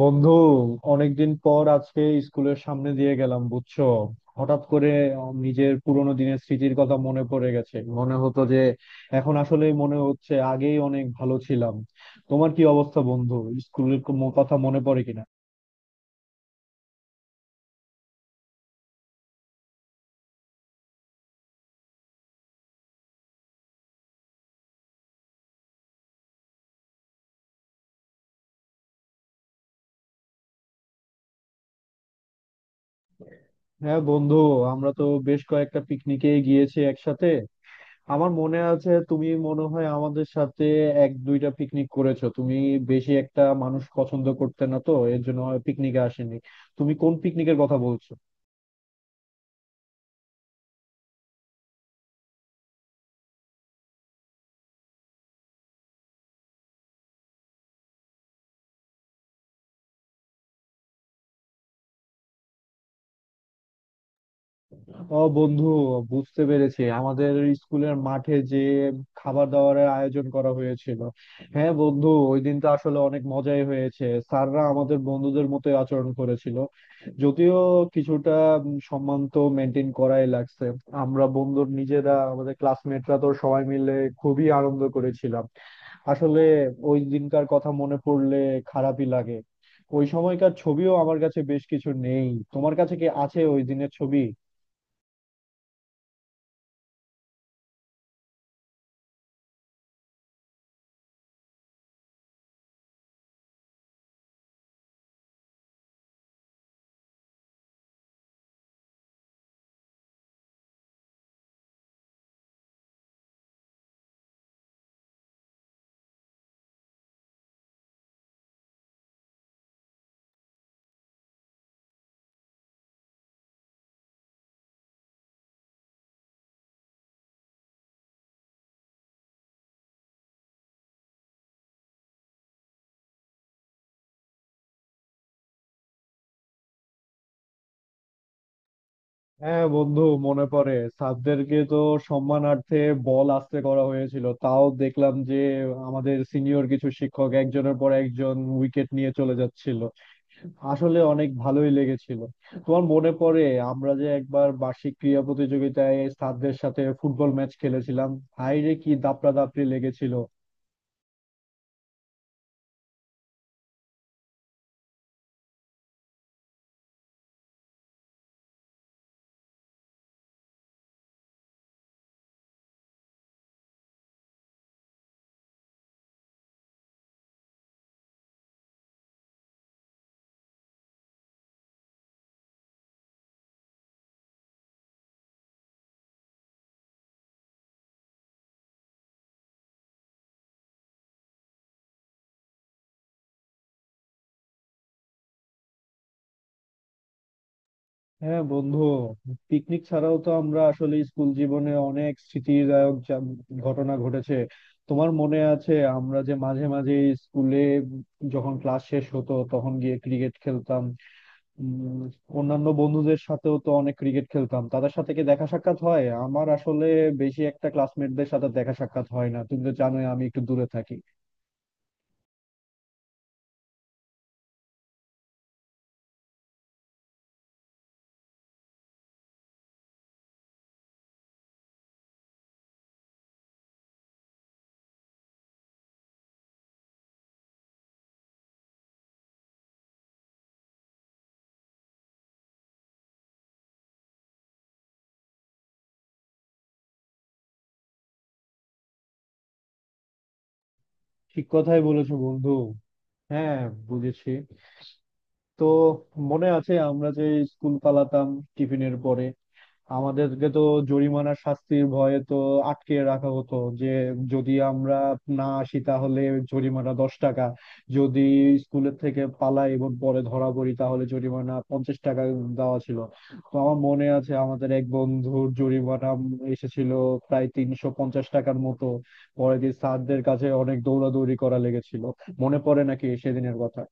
বন্ধু, অনেকদিন পর আজকে স্কুলের সামনে দিয়ে গেলাম বুঝছো। হঠাৎ করে নিজের পুরোনো দিনের স্মৃতির কথা মনে পড়ে গেছে, মনে হতো যে এখন আসলে মনে হচ্ছে আগেই অনেক ভালো ছিলাম। তোমার কি অবস্থা বন্ধু, স্কুলের কোনো কথা মনে পড়ে কিনা? হ্যাঁ বন্ধু, আমরা তো বেশ কয়েকটা পিকনিকে গিয়েছি একসাথে। আমার মনে আছে তুমি মনে হয় আমাদের সাথে এক দুইটা পিকনিক করেছো। তুমি বেশি একটা মানুষ পছন্দ করতে না, তো এর জন্য পিকনিকে আসেনি। তুমি কোন পিকনিকের কথা বলছো? ও বন্ধু, বুঝতে পেরেছি, আমাদের স্কুলের মাঠে যে খাবার দাবারের আয়োজন করা হয়েছিল। হ্যাঁ বন্ধু, ওই দিন তো আসলে অনেক মজাই হয়েছে, স্যাররা আমাদের বন্ধুদের মতোই আচরণ করেছিল। যদিও কিছুটা সম্মান তো মেনটেন করাই লাগছে। আমরা বন্ধুর নিজেরা, আমাদের ক্লাসমেটরা তো সবাই মিলে খুবই আনন্দ করেছিলাম। আসলে ওই দিনকার কথা মনে পড়লে খারাপই লাগে। ওই সময়কার ছবিও আমার কাছে বেশ কিছু নেই, তোমার কাছে কি আছে ওই দিনের ছবি? হ্যাঁ বন্ধু, মনে পড়ে। স্যারদেরকে তো সম্মানার্থে বল আস্তে করা হয়েছিল, তাও দেখলাম যে আমাদের সিনিয়র কিছু শিক্ষক একজনের পর একজন উইকেট নিয়ে চলে যাচ্ছিল। আসলে অনেক ভালোই লেগেছিল। তোমার মনে পড়ে আমরা যে একবার বার্ষিক ক্রীড়া প্রতিযোগিতায় স্যারদের সাথে ফুটবল ম্যাচ খেলেছিলাম? হায় রে, কি দাপড়া দাপড়ি লেগেছিল! হ্যাঁ বন্ধু, পিকনিক ছাড়াও তো আমরা আসলে স্কুল জীবনে অনেক স্মৃতিদায়ক ঘটনা ঘটেছে। তোমার মনে আছে আমরা যে মাঝে মাঝে স্কুলে যখন ক্লাস শেষ হতো তখন গিয়ে ক্রিকেট খেলতাম? উম, অন্যান্য বন্ধুদের সাথেও তো অনেক ক্রিকেট খেলতাম, তাদের সাথে কি দেখা সাক্ষাৎ হয় আমার আসলে? বেশি একটা ক্লাসমেটদের সাথে দেখা সাক্ষাৎ হয় না, তুমি তো জানোই আমি একটু দূরে থাকি। ঠিক কথাই বলেছো বন্ধু। হ্যাঁ, বুঝেছি। তো মনে আছে আমরা যে স্কুল পালাতাম টিফিনের পরে? আমাদেরকে তো জরিমানা শাস্তির ভয়ে তো আটকে রাখা হতো যে যদি আমরা না আসি তাহলে জরিমানা 10 টাকা, যদি স্কুলের থেকে পালাই এবং পরে ধরা পড়ি তাহলে জরিমানা 50 টাকা দেওয়া ছিল। তো আমার মনে আছে আমাদের এক বন্ধুর জরিমানা এসেছিল প্রায় 350 টাকার মতো। পরে দিয়ে স্যারদের কাছে অনেক দৌড়াদৌড়ি করা লেগেছিল। মনে পড়ে নাকি সেদিনের কথা?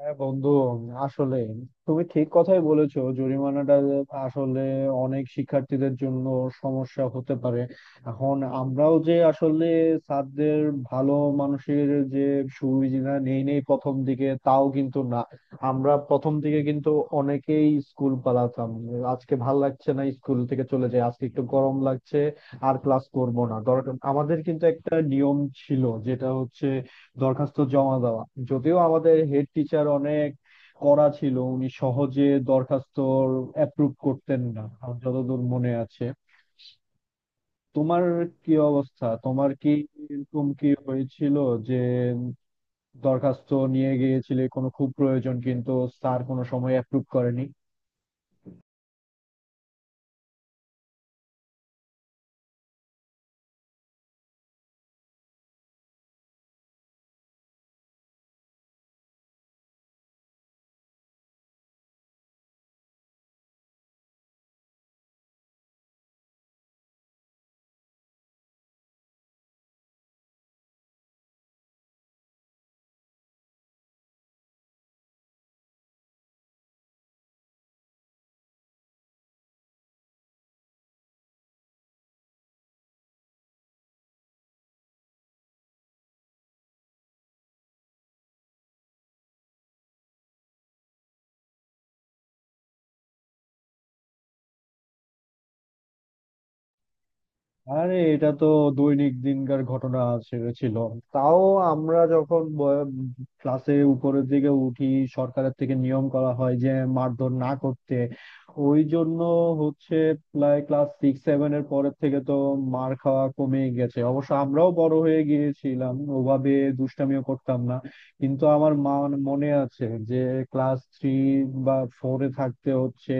হ্যাঁ বন্ধু, আসলে তুমি ঠিক কথাই বলেছো, জরিমানাটা আসলে অনেক শিক্ষার্থীদের জন্য সমস্যা হতে পারে। এখন আমরাও যে আসলে স্যারদের ভালো মানুষের যে সুবিধা নেই নেই প্রথম দিকে তাও কিন্তু না। আমরা প্রথম দিকে কিন্তু অনেকেই স্কুল পালাতাম, আজকে ভাল লাগছে না স্কুল থেকে চলে যাই, আজকে একটু গরম লাগছে আর ক্লাস করব না দরকার। আমাদের কিন্তু একটা নিয়ম ছিল, যেটা হচ্ছে দরখাস্ত জমা দেওয়া। যদিও আমাদের হেড টিচার অনেক কড়া ছিল, উনি সহজে দরখাস্ত অ্যাপ্রুভ করতেন না আমার যতদূর মনে আছে। তোমার কি অবস্থা, তোমার কি এরকম কি হয়েছিল যে দরখাস্ত নিয়ে গিয়েছিলে কোনো খুব প্রয়োজন কিন্তু স্যার কোনো সময় অ্যাপ্রুভ করেনি? আরে এটা তো দৈনিক দিনকার ঘটনা ছিল। তাও আমরা যখন ক্লাসে উপরের দিকে উঠি, সরকারের থেকে নিয়ম করা হয় যে মারধর না করতে, ওই জন্য হচ্ছে প্রায় ক্লাস সিক্স সেভেন এর পরের থেকে তো মার খাওয়া কমে গেছে। অবশ্য আমরাও বড় হয়ে গিয়েছিলাম, ওভাবে দুষ্টামিও করতাম না। কিন্তু আমার মা মনে আছে যে ক্লাস থ্রি বা ফোরে থাকতে হচ্ছে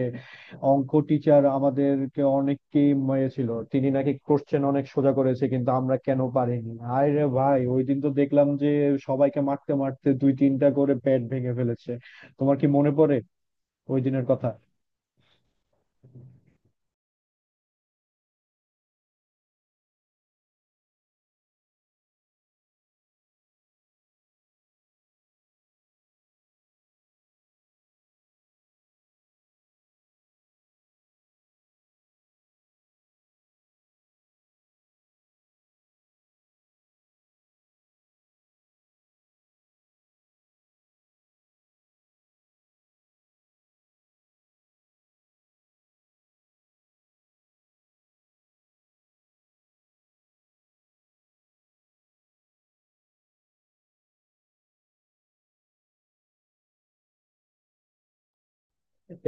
অঙ্ক টিচার আমাদেরকে অনেককেই মেরেছিল, তিনি নাকি কোশ্চেন অনেক সোজা করেছে কিন্তু আমরা কেন পারিনি। আয় রে ভাই, ওই দিন তো দেখলাম যে সবাইকে মারতে মারতে দুই তিনটা করে প্যাড ভেঙে ফেলেছে। তোমার কি মনে পড়ে ওই দিনের কথা?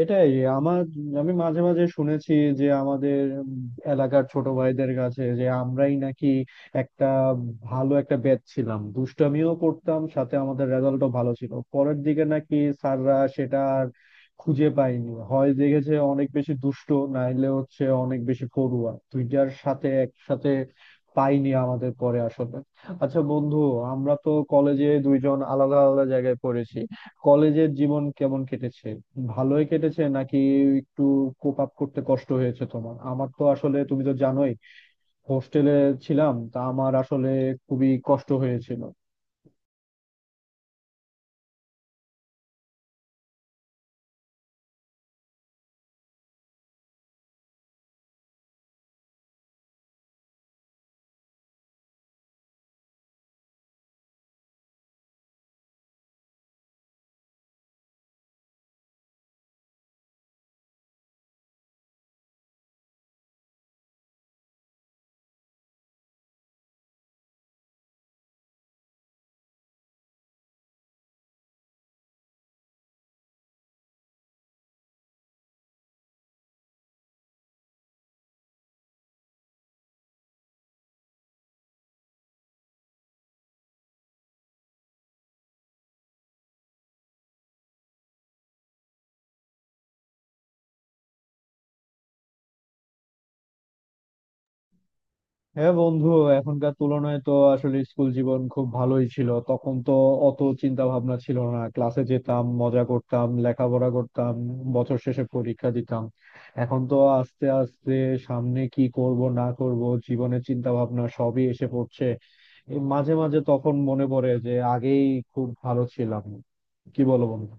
এটাই আমার। আমি মাঝে মাঝে শুনেছি যে আমাদের এলাকার ছোট ভাইদের কাছে যে আমরাই নাকি একটা ভালো একটা ব্যাচ ছিলাম, দুষ্টামিও করতাম সাথে আমাদের রেজাল্টও ভালো ছিল। পরের দিকে নাকি স্যাররা সেটা আর খুঁজে পাইনি, হয় দেখেছে অনেক বেশি দুষ্ট নাইলে হচ্ছে অনেক বেশি পড়ুয়া, দুইটার সাথে একসাথে পাইনি আমাদের পরে আসলে। আচ্ছা বন্ধু, আমরা তো কলেজে দুইজন আলাদা আলাদা জায়গায় পড়েছি, কলেজের জীবন কেমন কেটেছে? ভালোই কেটেছে নাকি একটু কোপ আপ করতে কষ্ট হয়েছে তোমার? আমার তো আসলে তুমি তো জানোই হোস্টেলে ছিলাম, তা আমার আসলে খুবই কষ্ট হয়েছিল। হ্যাঁ বন্ধু, এখনকার তুলনায় তো আসলে স্কুল জীবন খুব ভালোই ছিল, তখন তো অত চিন্তা ভাবনা ছিল না, ক্লাসে যেতাম মজা করতাম লেখাপড়া করতাম, বছর শেষে পরীক্ষা দিতাম। এখন তো আস্তে আস্তে সামনে কি করব না করব, জীবনের চিন্তা ভাবনা সবই এসে পড়ছে। এই মাঝে মাঝে তখন মনে পড়ে যে আগেই খুব ভালো ছিলাম। কি বলো বন্ধু?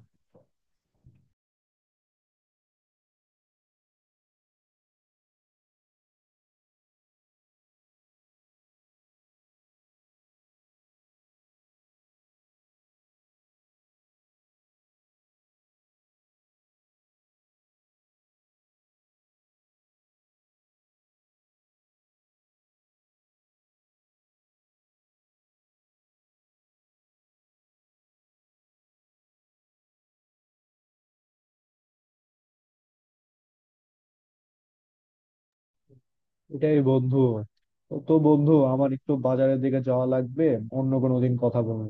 এটাই বন্ধু। তো বন্ধু, আমার একটু বাজারের দিকে যাওয়া লাগবে, অন্য কোনো দিন কথা বলবো।